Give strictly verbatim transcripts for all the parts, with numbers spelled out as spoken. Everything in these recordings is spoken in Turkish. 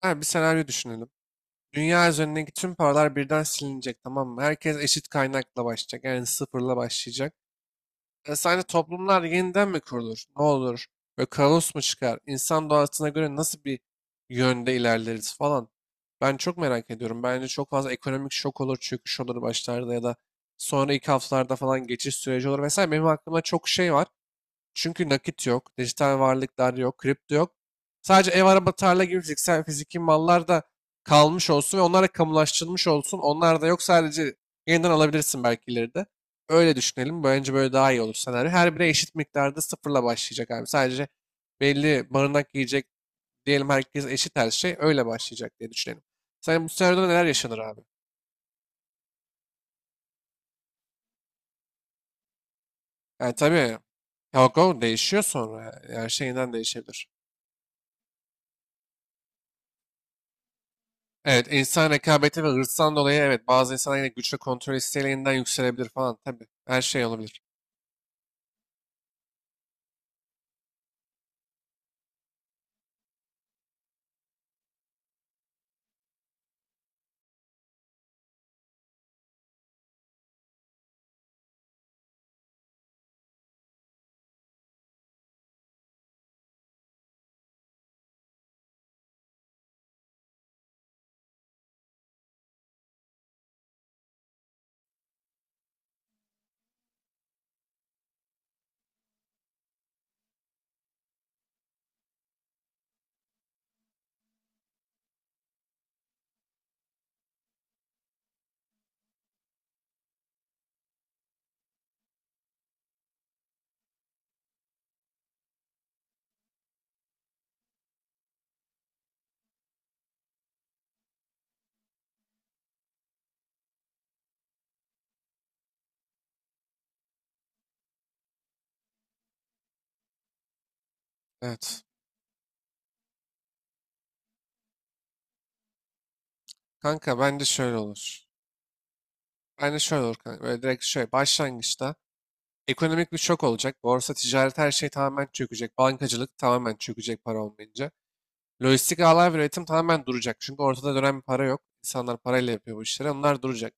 Ha, bir senaryo düşünelim. Dünya üzerindeki tüm paralar birden silinecek, tamam mı? Herkes eşit kaynakla başlayacak. Yani sıfırla başlayacak. E, sence toplumlar yeniden mi kurulur? Ne olur? Böyle kaos mu çıkar? İnsan doğasına göre nasıl bir yönde ilerleriz falan. Ben çok merak ediyorum. Bence çok fazla ekonomik şok olur, çöküş olur başlarda ya da sonra ilk haftalarda falan geçiş süreci olur vesaire. Benim aklımda çok şey var. Çünkü nakit yok, dijital varlıklar yok, kripto yok. Sadece ev, araba, tarla gibi fiziksel fiziki mallar da kalmış olsun ve onlar da kamulaştırılmış olsun. Onlar da yok, sadece yeniden alabilirsin belki ileride. Öyle düşünelim. Bence böyle daha iyi olur senaryo. Her biri eşit miktarda sıfırla başlayacak abi. Sadece belli barınak yiyecek diyelim, herkes eşit her şey öyle başlayacak diye düşünelim. Sen bu senaryoda neler yaşanır abi? Yani tabii. Yok, o değişiyor sonra. Yani her şeyinden değişebilir. Evet, insan rekabeti ve hırstan dolayı, evet, bazı insanlar yine güç ve kontrol isteğiyle yeniden yükselebilir falan tabii. Her şey olabilir. Evet. Kanka bence şöyle olur. Bence şöyle olur kanka. Böyle direkt şöyle başlangıçta ekonomik bir şok olacak. Borsa, ticaret her şey tamamen çökecek. Bankacılık tamamen çökecek para olmayınca. Lojistik ağlar ve üretim tamamen duracak. Çünkü ortada dönen bir para yok. İnsanlar parayla yapıyor bu işleri. Onlar duracak.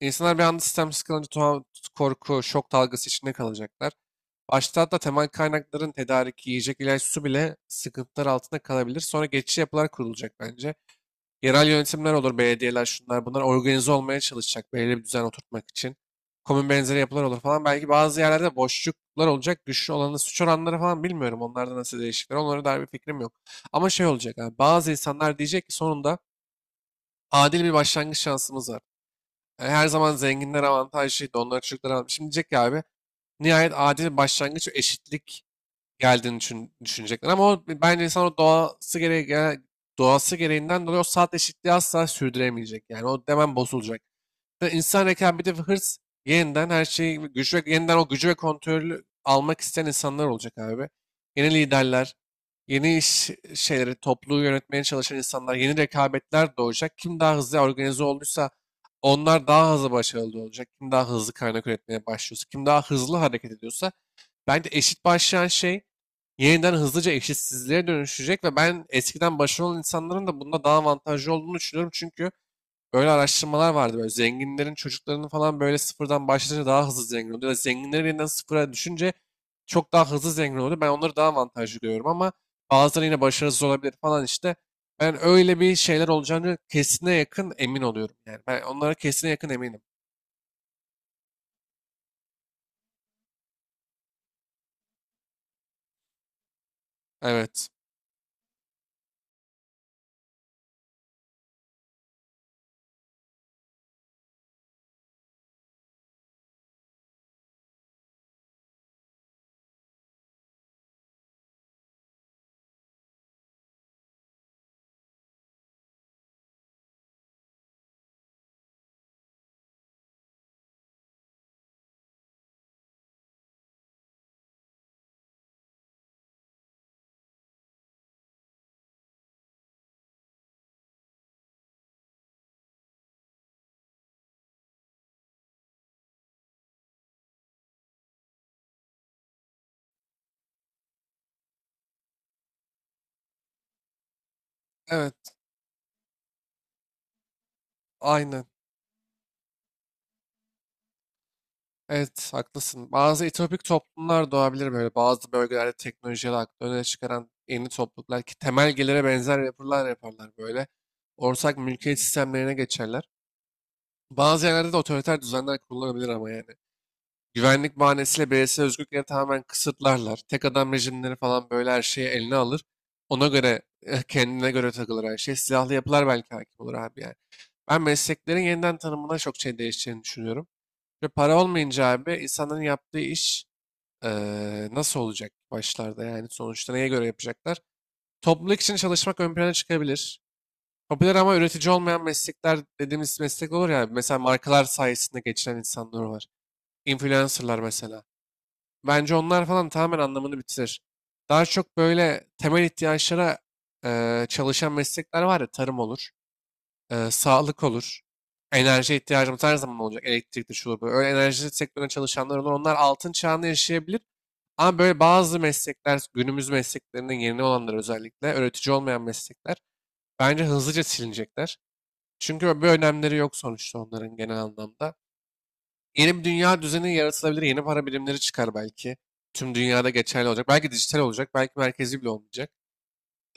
İnsanlar bir anda sistem sıkılınca tuhaf korku, şok dalgası içinde kalacaklar. Başta da temel kaynakların tedariki, yiyecek, ilaç, su bile sıkıntılar altında kalabilir. Sonra geçici yapılar kurulacak bence. Yerel yönetimler olur, belediyeler şunlar bunlar organize olmaya çalışacak belirli bir düzen oturtmak için. Komün benzeri yapılar olur falan. Belki bazı yerlerde boşluklar olacak. Güçlü olanın suç oranları falan bilmiyorum. Onlarda nasıl değişiklikler. Onlara dair bir fikrim yok. Ama şey olacak abi. Bazı insanlar diyecek ki sonunda adil bir başlangıç şansımız var. Yani her zaman zenginler avantajlıydı. Onlar çocuklar avantajlıydı. Şimdi diyecek ki abi, nihayet adil bir başlangıç ve eşitlik geldiğini düşün, düşünecekler. Ama o, bence insan o doğası gereği, gere- doğası gereğinden dolayı o saat eşitliği asla sürdüremeyecek. Yani o hemen bozulacak. Ve İnsan rekabeti ve hırs yeniden her şeyi gücü ve yeniden o gücü ve kontrolü almak isteyen insanlar olacak abi. Yeni liderler, yeni iş şeyleri, topluluğu yönetmeye çalışan insanlar, yeni rekabetler doğacak. Kim daha hızlı organize olduysa onlar daha hızlı başarılı olacak. Kim daha hızlı kaynak üretmeye başlıyorsa, kim daha hızlı hareket ediyorsa, bence eşit başlayan şey yeniden hızlıca eşitsizliğe dönüşecek ve ben eskiden başarılı insanların da bunda daha avantajlı olduğunu düşünüyorum. Çünkü böyle araştırmalar vardı, böyle zenginlerin çocuklarının falan böyle sıfırdan başlayınca daha hızlı zengin oluyor. Ya da zenginlerin yeniden sıfıra düşünce çok daha hızlı zengin oluyor. Ben onları daha avantajlı görüyorum ama bazıları yine başarısız olabilir falan işte. Ben öyle bir şeyler olacağını kesine yakın emin oluyorum yani. Ben onlara kesine yakın eminim. Evet. Evet. Aynen. Evet, haklısın. Bazı etopik toplumlar doğabilir böyle. Bazı bölgelerde teknolojiyi aklı öne çıkaran yeni topluluklar, ki temel gelire benzer yapılar yaparlar böyle. Ortak mülkiyet sistemlerine geçerler. Bazı yerlerde de otoriter düzenler kurulabilir ama yani. Güvenlik bahanesiyle bireysel özgürlükleri tamamen kısıtlarlar. Tek adam rejimleri falan böyle her şeyi eline alır. Ona göre, eh, kendine göre takılır her şey. Silahlı yapılar belki hakim olur abi yani. Ben mesleklerin yeniden tanımına çok şey değişeceğini düşünüyorum. Ve para olmayınca abi, insanların yaptığı iş Eee, nasıl olacak başlarda, yani sonuçta neye göre yapacaklar? Topluluk için çalışmak ön plana çıkabilir. Popüler ama üretici olmayan meslekler dediğimiz meslek olur ya. Mesela markalar sayesinde geçinen insanlar var. Influencerlar mesela. Bence onlar falan tamamen anlamını bitirir. Daha çok böyle temel ihtiyaçlara eee, çalışan meslekler var ya. Tarım olur, eee, sağlık olur, enerji ihtiyacımız her zaman olacak. Elektrikli şu bu. Öyle enerji sektörüne çalışanlar olur. Onlar altın çağını yaşayabilir. Ama böyle bazı meslekler, günümüz mesleklerinin yeni olanlar özellikle, öğretici olmayan meslekler bence hızlıca silinecekler. Çünkü bir önemleri yok sonuçta onların genel anlamda. Yeni bir dünya düzeni yaratılabilir, yeni para birimleri çıkar belki. Tüm dünyada geçerli olacak. Belki dijital olacak, belki merkezi bile olmayacak.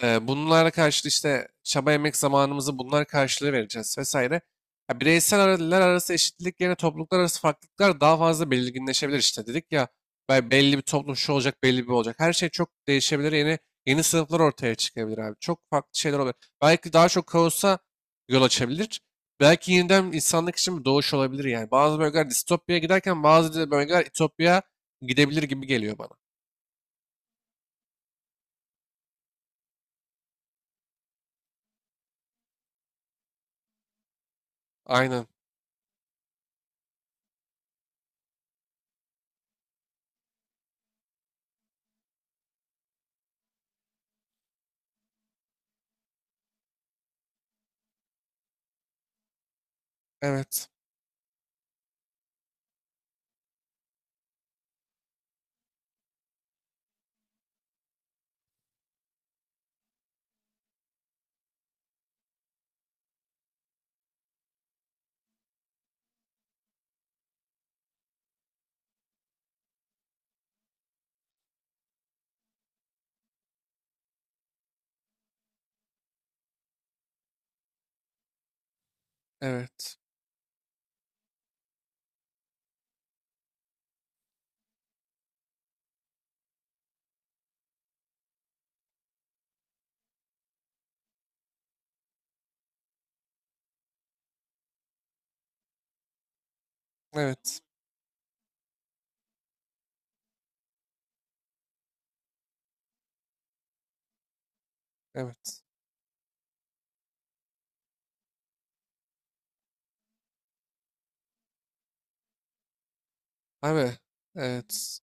Ee, bunlara karşılığı işte çaba emek zamanımızı bunlar karşılığı vereceğiz vesaire. Ya bireysel aralar arası eşitlik yerine topluluklar arası farklılıklar daha fazla belirginleşebilir, işte dedik ya. be- Belli bir toplum şu olacak, belli bir olacak. Her şey çok değişebilir, yeni yeni sınıflar ortaya çıkabilir abi. Çok farklı şeyler olabilir. Belki daha çok kaosa yol açabilir. Belki yeniden insanlık için bir doğuş olabilir yani. Bazı bölgeler distopyaya giderken bazı de bölgeler ütopyaya gidebilir gibi geliyor bana. Aynen. Evet. Evet. Evet. Evet. Abi, evet.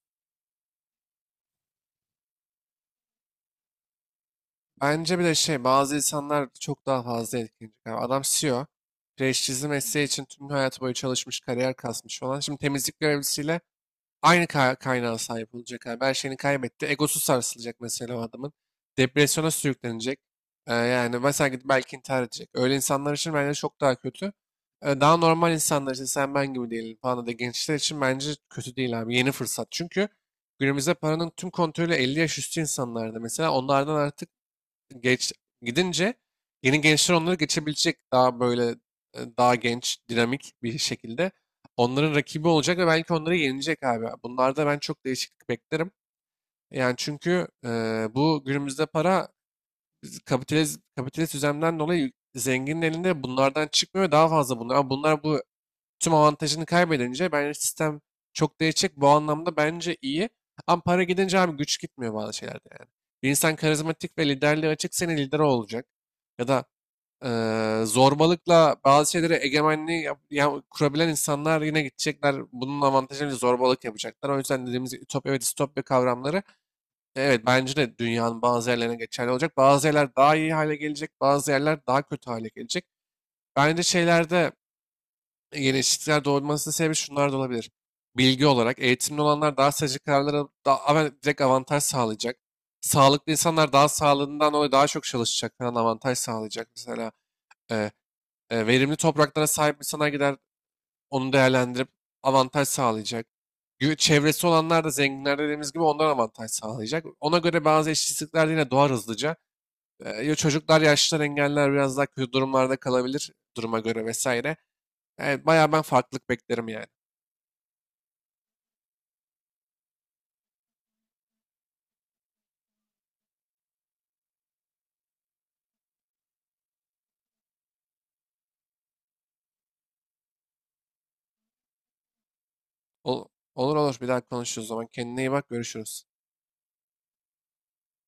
Bence bir de şey, bazı insanlar çok daha fazla etkilenecek. Yani adam C E O. Prestijli mesleği için tüm hayatı boyu çalışmış, kariyer kasmış falan. Şimdi temizlik görevlisiyle aynı ka kaynağa sahip olacak abi. Her şeyini kaybetti. Egosu sarsılacak mesela o adamın. Depresyona sürüklenecek. Ee, yani mesela gidip belki intihar edecek. Öyle insanlar için bence çok daha kötü. Ee, daha normal insanlar için sen ben gibi değilim falan da gençler için bence kötü değil abi. Yeni fırsat. Çünkü günümüzde paranın tüm kontrolü elli yaş üstü insanlarda. Mesela onlardan artık geç gidince yeni gençler onları geçebilecek, daha böyle e, daha genç, dinamik bir şekilde onların rakibi olacak ve belki onları yenilecek abi. Bunlarda ben çok değişiklik beklerim. Yani çünkü e, bu günümüzde para biz- kapitalist kapitalist düzenden dolayı zenginlerin elinde bunlardan çıkmıyor ve daha fazla bunlar. Ama bunlar bu tüm avantajını kaybedince bence sistem çok değişecek. Bu anlamda bence iyi. Ama para gidince abi güç gitmiyor bazı şeylerde yani. Bir insan karizmatik ve liderliğe açık senin lider olacak. Ya da eee, zorbalıkla bazı şeylere egemenliği yap- ya- kurabilen insanlar yine gidecekler. Bunun avantajını zorbalık yapacaklar. O yüzden dediğimiz ütopya ve distopya kavramları e, evet bence de dünyanın bazı yerlerine geçerli olacak. Bazı yerler daha iyi hale gelecek, bazı yerler daha kötü hale gelecek. Bence şeylerde gelişiklikler doğmasının sebebi şunlar da olabilir. Bilgi olarak eğitimli olanlar daha sıcak kararlara daha, ama direkt avantaj sağlayacak. Sağlıklı insanlar daha sağlığından dolayı daha çok çalışacak falan avantaj sağlayacak. Mesela e, e, verimli topraklara sahip insanlar gider onu değerlendirip avantaj sağlayacak. Gü- Çevresi olanlar da zenginler dediğimiz gibi ondan avantaj sağlayacak. Ona göre bazı eşitsizlikler de yine doğar hızlıca. E, ya çocuklar, yaşlılar, engelliler biraz daha kötü durumlarda kalabilir duruma göre vesaire. Yani bayağı ben farklılık beklerim yani. Ol- olur olur bir daha konuşuruz o zaman. Kendine iyi bak, görüşürüz.